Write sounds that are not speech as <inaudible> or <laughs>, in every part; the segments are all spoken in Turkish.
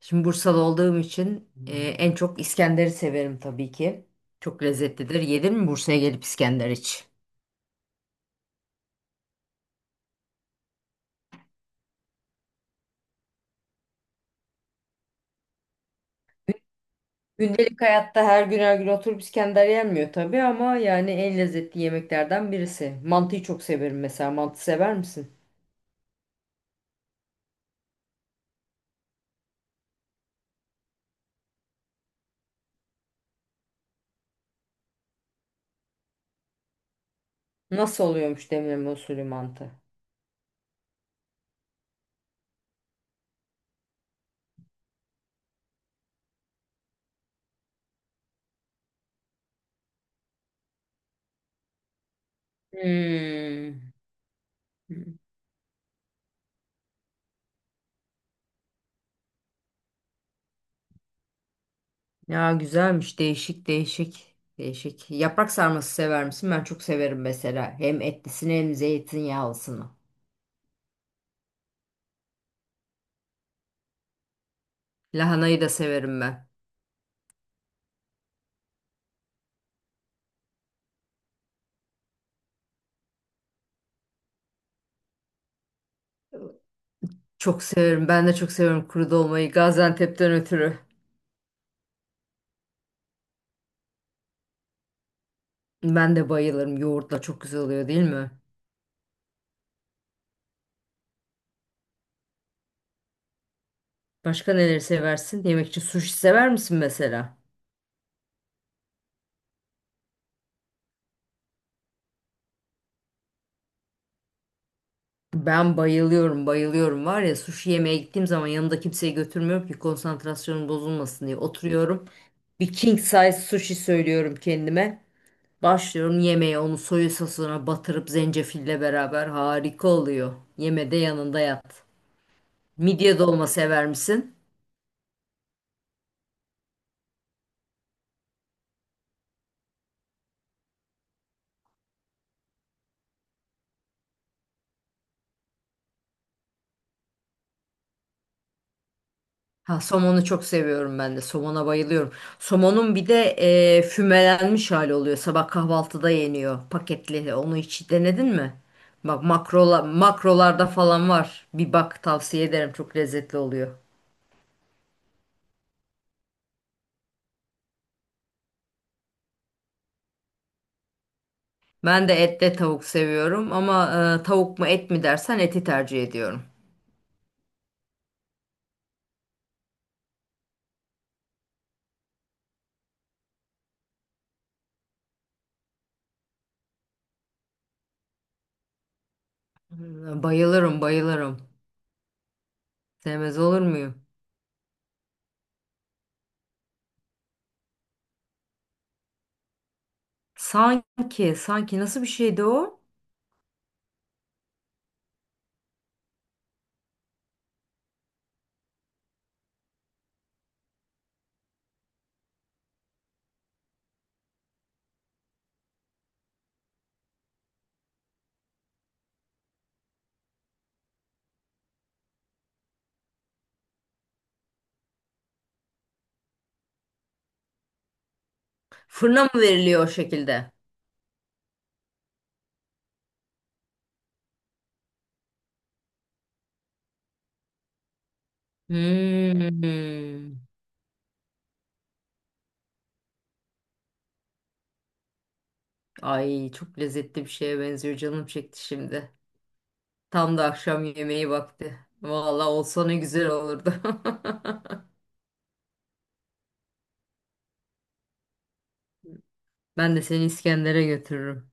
Şimdi Bursalı olduğum için en çok İskender'i severim tabii ki. Çok lezzetlidir. Yedin mi Bursa'ya gelip İskender iç? Gündelik hayatta her gün her gün oturup İskender yenmiyor tabii ama yani en lezzetli yemeklerden birisi. Mantıyı çok severim mesela. Mantı sever misin? Nasıl oluyormuş demleme usulü mantı? Hmm. Ya güzelmiş. Değişik değişik. Değişik. Yaprak sarması sever misin? Ben çok severim mesela. Hem etlisini hem zeytinyağlısını. Lahanayı da severim ben. Çok severim. Ben de çok seviyorum kuru dolmayı. Gaziantep'ten ötürü. Ben de bayılırım. Yoğurtla çok güzel oluyor değil mi? Başka neleri seversin? Yemek için sushi sever misin mesela? Ben bayılıyorum, bayılıyorum. Var ya sushi yemeye gittiğim zaman yanımda kimseyi götürmüyorum ki konsantrasyonum bozulmasın diye. Oturuyorum. Bir king size sushi söylüyorum kendime. Başlıyorum yemeğe onu soya sosuna batırıp zencefille beraber harika oluyor. Yemede yanında yat. Midye dolma sever misin? Ha, somonu çok seviyorum ben de. Somona bayılıyorum. Somonun bir de fümelenmiş hali oluyor. Sabah kahvaltıda yeniyor paketli. Onu hiç denedin mi? Bak makrola, makrolarda falan var. Bir bak tavsiye ederim. Çok lezzetli oluyor. Ben de etle tavuk seviyorum ama tavuk mu et mi dersen eti tercih ediyorum. Hmm, bayılırım, bayılırım. Sevmez olur muyum? Sanki, sanki nasıl bir şeydi o? Fırına mı veriliyor o şekilde? Hmm. Ay çok lezzetli bir şeye benziyor. Canım çekti şimdi. Tam da akşam yemeği vakti. Vallahi olsa ne güzel olurdu. <laughs> Ben de seni İskender'e götürürüm.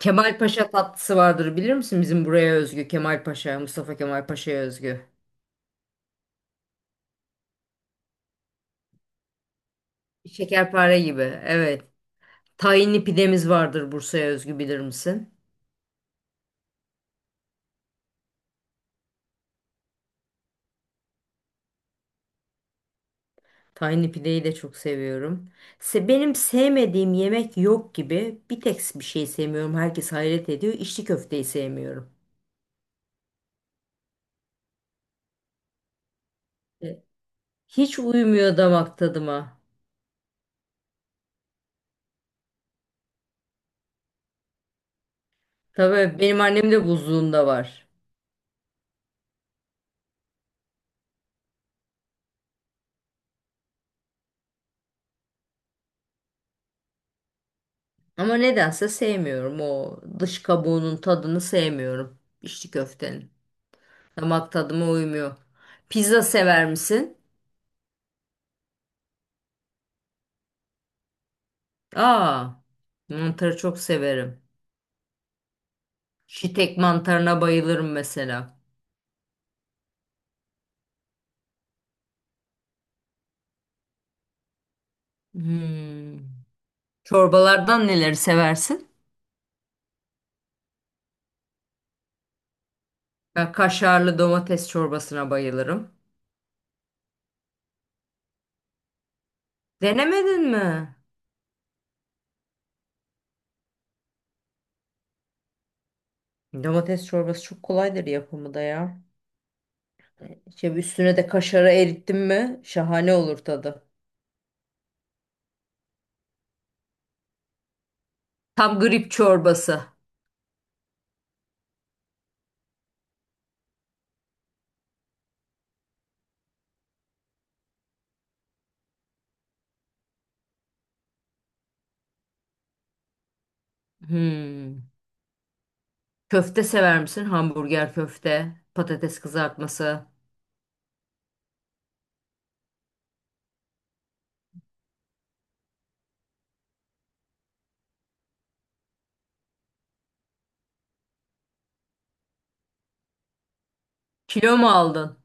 Kemalpaşa tatlısı vardır bilir misin? Bizim buraya özgü. Kemalpaşa, Mustafa Kemalpaşa'ya özgü. Şekerpare gibi. Evet. Tahinli pidemiz vardır Bursa'ya özgü bilir misin? Tahinli pideyi de çok seviyorum. Se benim sevmediğim yemek yok gibi. Bir tek bir şey sevmiyorum. Herkes hayret ediyor. İçli köfteyi sevmiyorum. E, Hiç uymuyor damak tadıma. Tabii benim annem de buzluğunda var. Ama nedense sevmiyorum o dış kabuğunun tadını sevmiyorum. İçli köftenin. Damak tadıma uymuyor. Pizza sever misin? Aa, mantarı çok severim. Şitek mantarına bayılırım mesela. Hmm. Çorbalardan neleri seversin? Ben kaşarlı domates çorbasına bayılırım. Denemedin mi? Domates çorbası çok kolaydır yapımı da ya. İşte üstüne de kaşarı erittim mi şahane olur tadı. Tam grip çorbası. Hmm. Köfte sever misin? Hamburger köfte, patates kızartması. Kilo mu aldın?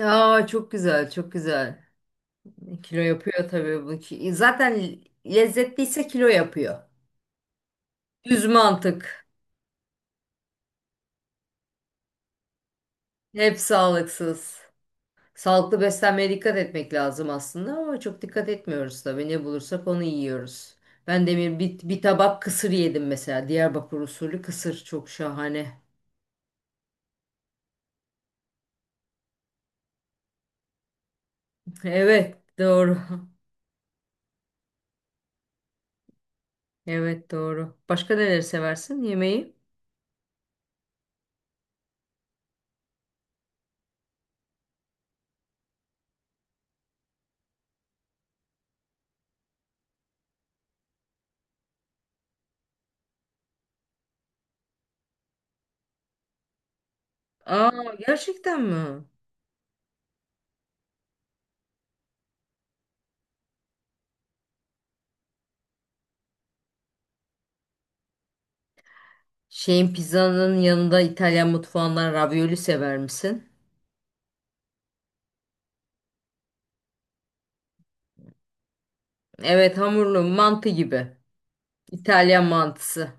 Aa çok güzel, çok güzel. Kilo yapıyor tabii bu. Zaten lezzetliyse kilo yapıyor. Düz mantık. Hep sağlıksız. Sağlıklı beslenmeye dikkat etmek lazım aslında ama çok dikkat etmiyoruz tabii. Ne bulursak onu yiyoruz. Ben demin bir tabak kısır yedim mesela. Diyarbakır usulü kısır çok şahane. Evet, doğru. <laughs> Evet, doğru. Başka neleri seversin yemeği? Aa, gerçekten mi? Şeyin pizzanın yanında İtalyan mutfağından ravioli sever misin? Evet, hamurlu mantı gibi. İtalyan mantısı.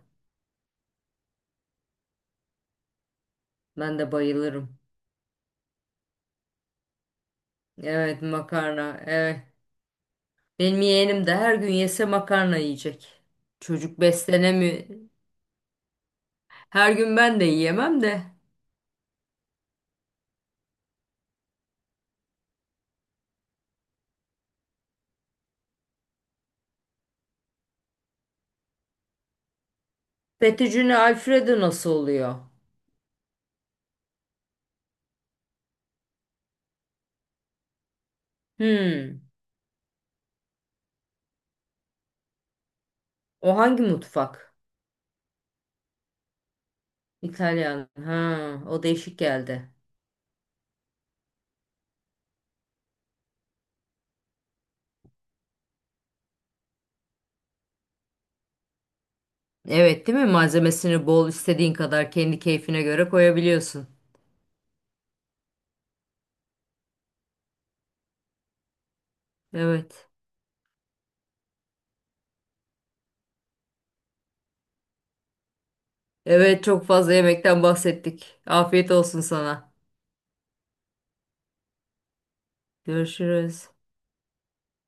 Ben de bayılırım. Evet, makarna. Evet. Benim yeğenim de her gün yese makarna yiyecek. Çocuk beslenemiyor. Her gün ben de yiyemem de. Fettuccine Alfredo nasıl oluyor? Hmm. O hangi mutfak? İtalyan. Ha, o değişik geldi. Evet, değil mi? Malzemesini bol istediğin kadar kendi keyfine göre koyabiliyorsun. Evet. Evet, çok fazla yemekten bahsettik. Afiyet olsun sana. Görüşürüz.